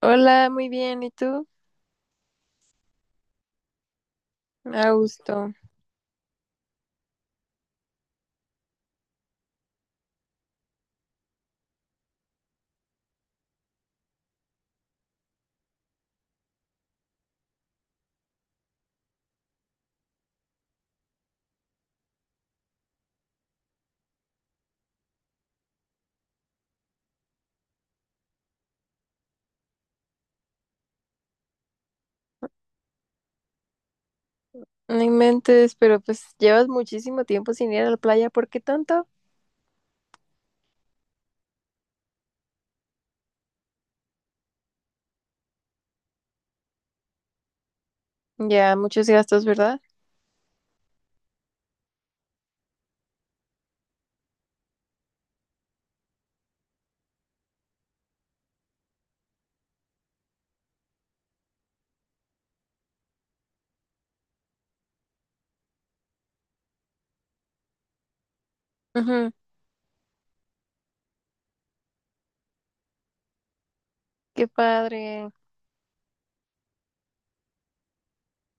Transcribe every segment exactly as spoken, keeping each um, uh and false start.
Hola, muy bien. ¿Y tú? A gusto. No inventes, pero pues llevas muchísimo tiempo sin ir a la playa. ¿Por qué tanto? Ya, muchos gastos, ¿verdad? Ujú. Qué padre.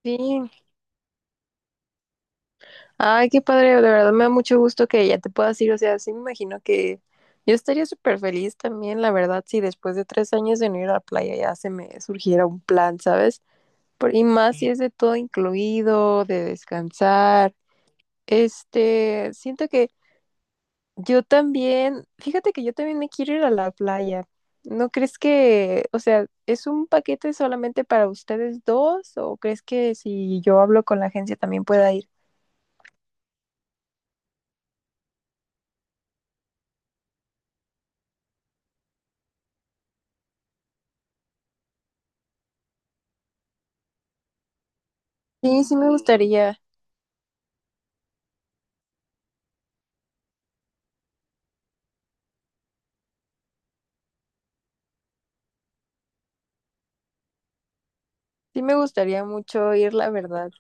Sí. Ay, qué padre. De verdad me da mucho gusto que ya te puedas ir. O sea, sí me imagino que yo estaría súper feliz también, la verdad, si después de tres años de no ir a la playa ya se me surgiera un plan, ¿sabes? Por- y más si es de todo incluido, de descansar. Este, siento que yo también, fíjate que yo también me quiero ir a la playa. ¿No crees que, o sea, es un paquete solamente para ustedes dos o crees que si yo hablo con la agencia también pueda ir? Sí, sí me gustaría, sí me gustaría mucho ir, la verdad.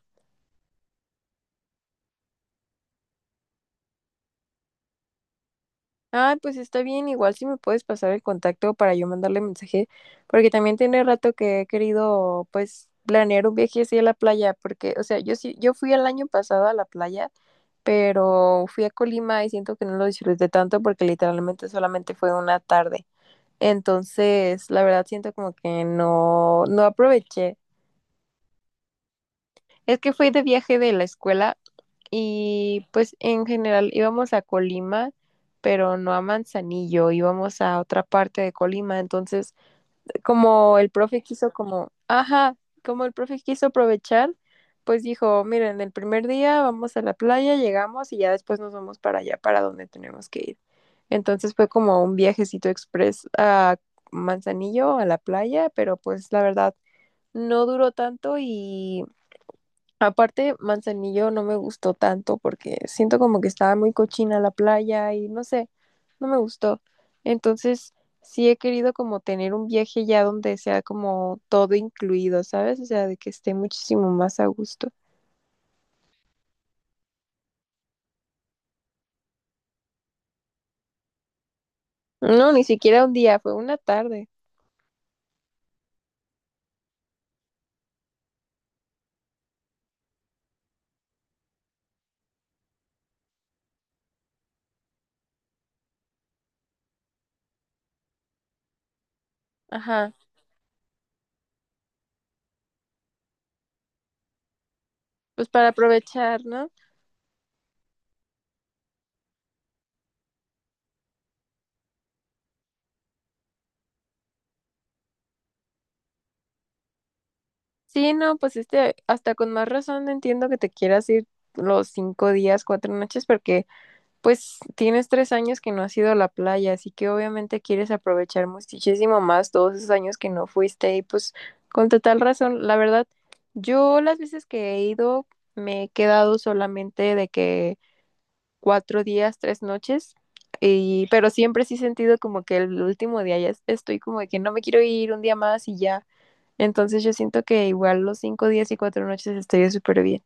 Ah, pues está bien, igual si me puedes pasar el contacto para yo mandarle mensaje, porque también tiene rato que he querido, pues, planear un viaje así a la playa, porque, o sea, yo sí, yo fui el año pasado a la playa, pero fui a Colima y siento que no lo disfruté tanto porque literalmente solamente fue una tarde. Entonces, la verdad siento como que no, no aproveché. Es que fui de viaje de la escuela y pues en general íbamos a Colima, pero no a Manzanillo, íbamos a otra parte de Colima. Entonces, como el profe quiso como, ajá, como el profe quiso aprovechar, pues dijo, miren, el primer día vamos a la playa, llegamos y ya después nos vamos para allá, para donde tenemos que ir. Entonces fue como un viajecito express a Manzanillo, a la playa, pero pues la verdad no duró tanto. Y aparte, Manzanillo no me gustó tanto porque siento como que estaba muy cochina la playa y no sé, no me gustó. Entonces, sí he querido como tener un viaje ya donde sea como todo incluido, ¿sabes? O sea, de que esté muchísimo más a gusto. No, ni siquiera un día, fue una tarde. Ajá, pues para aprovechar, ¿no? Sí, no, pues este, hasta con más razón entiendo que te quieras ir los cinco días, cuatro noches, porque pues tienes tres años que no has ido a la playa, así que obviamente quieres aprovechar muchísimo más todos esos años que no fuiste. Y pues con total razón, la verdad, yo las veces que he ido me he quedado solamente de que cuatro días, tres noches, y, pero siempre sí he sentido como que el último día ya es- estoy como de que no me quiero ir un día más y ya. Entonces yo siento que igual los cinco días y cuatro noches estaría súper bien.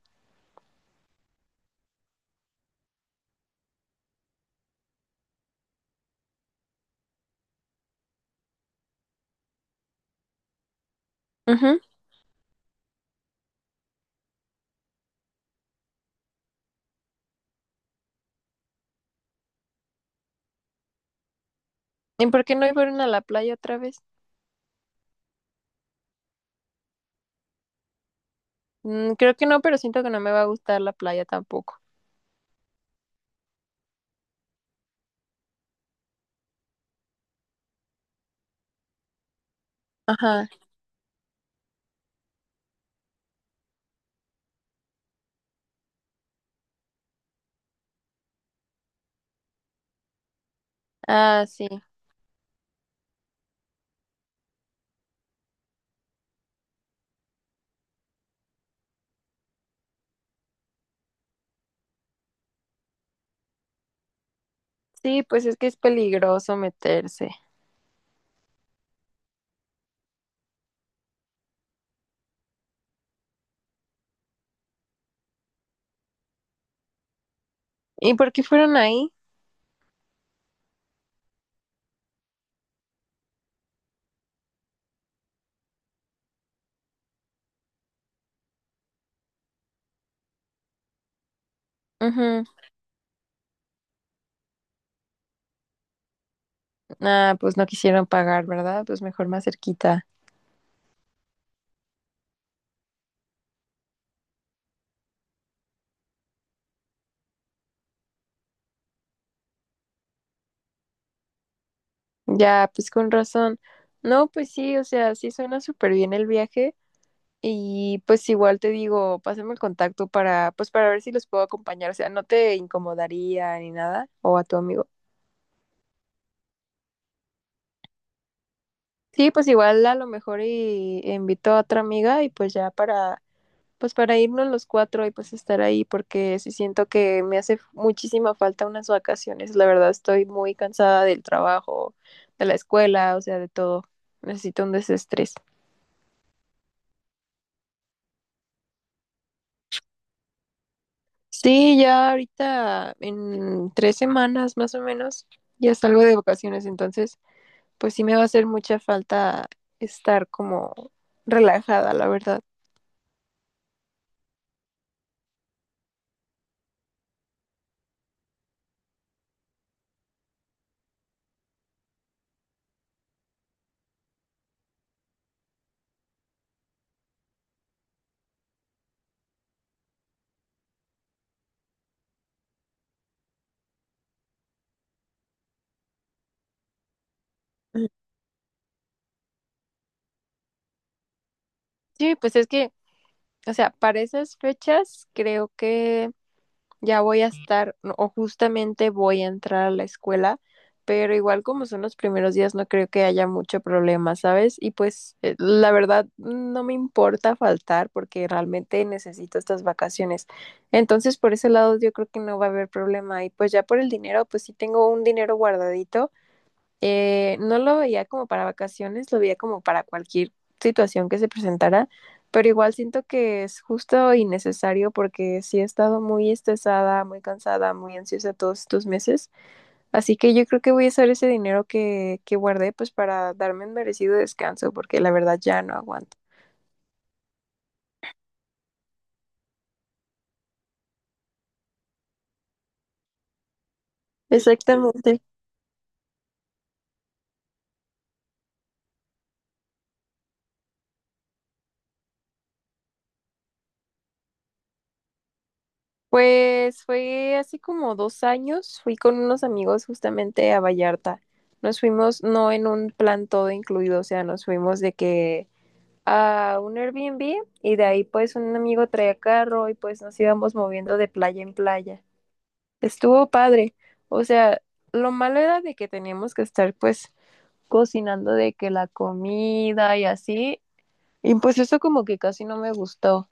Ujú. ¿Y por qué no fueron a la playa otra vez? Mm, creo que no, pero siento que no me va a gustar la playa tampoco. Ajá. Ah, sí. Sí, pues es que es peligroso meterse. ¿Y por qué fueron ahí? Ujú. Ah, pues no quisieron pagar, ¿verdad? Pues mejor más cerquita. Ya, pues con razón. No, pues sí, o sea, sí suena súper bien el viaje. Y pues igual te digo, pásame el contacto para, pues para ver si los puedo acompañar. O sea, no te incomodaría ni nada, o a tu amigo. Sí, pues igual a lo mejor y invito a otra amiga y pues ya para, pues para irnos los cuatro y pues estar ahí, porque sí siento que me hace muchísima falta unas vacaciones. La verdad estoy muy cansada del trabajo, de la escuela, o sea, de todo. Necesito un desestrés. Sí, ya ahorita en tres semanas más o menos ya salgo de vacaciones, entonces pues sí me va a hacer mucha falta estar como relajada, la verdad. Mm. Sí, pues es que, o sea, para esas fechas creo que ya voy a estar no, o justamente voy a entrar a la escuela, pero igual como son los primeros días no creo que haya mucho problema, ¿sabes? Y pues eh, la verdad no me importa faltar porque realmente necesito estas vacaciones. Entonces por ese lado yo creo que no va a haber problema, y pues ya por el dinero, pues sí tengo un dinero guardadito, eh, no lo veía como para vacaciones, lo veía como para cualquier situación que se presentara, pero igual siento que es justo y necesario porque sí he estado muy estresada, muy cansada, muy ansiosa todos estos meses, así que yo creo que voy a usar ese dinero que, que guardé pues para darme un merecido descanso porque la verdad ya no aguanto. Exactamente. Pues fue hace como dos años, fui con unos amigos justamente a Vallarta. Nos fuimos no en un plan todo incluido, o sea, nos fuimos de que a un Airbnb y de ahí pues un amigo traía carro y pues nos íbamos moviendo de playa en playa. Estuvo padre. O sea, lo malo era de que teníamos que estar pues cocinando de que la comida y así. Y pues eso como que casi no me gustó.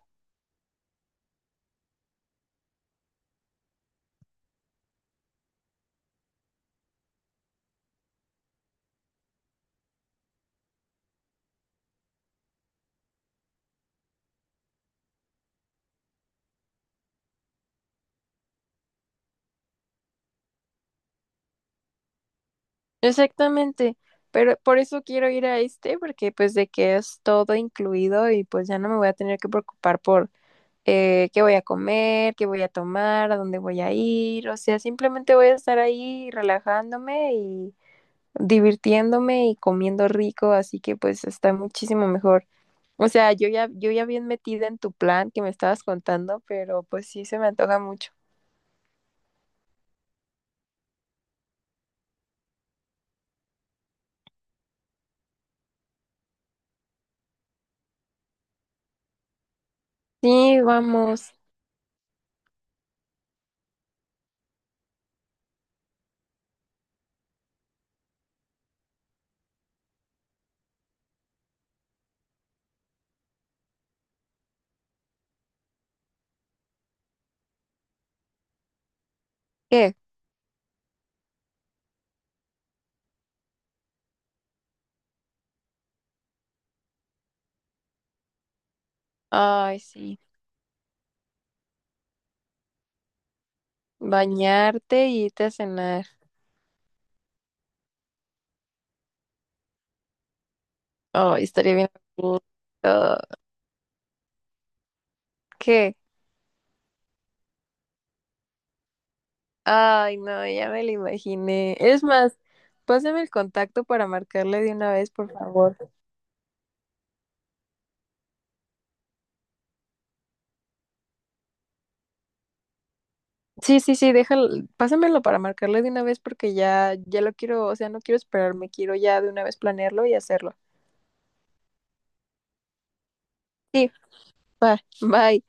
Exactamente. Pero por eso quiero ir a este porque pues de que es todo incluido y pues ya no me voy a tener que preocupar por eh, qué voy a comer, qué voy a tomar, a dónde voy a ir, o sea, simplemente voy a estar ahí relajándome y divirtiéndome y comiendo rico, así que pues está muchísimo mejor. O sea, yo ya, yo ya bien metida en tu plan que me estabas contando, pero pues sí se me antoja mucho. Sí, vamos. ¿Qué? Ay, sí. Bañarte y irte a cenar. Ay, estaría bien, a gusto. ¿Qué? Ay, no, ya me lo imaginé. Es más, pásame el contacto para marcarle de una vez, por favor. Sí, sí, sí, déjalo, pásamelo para marcarle de una vez porque ya, ya lo quiero, o sea, no quiero esperarme, quiero ya de una vez planearlo y hacerlo. Sí, va, bye.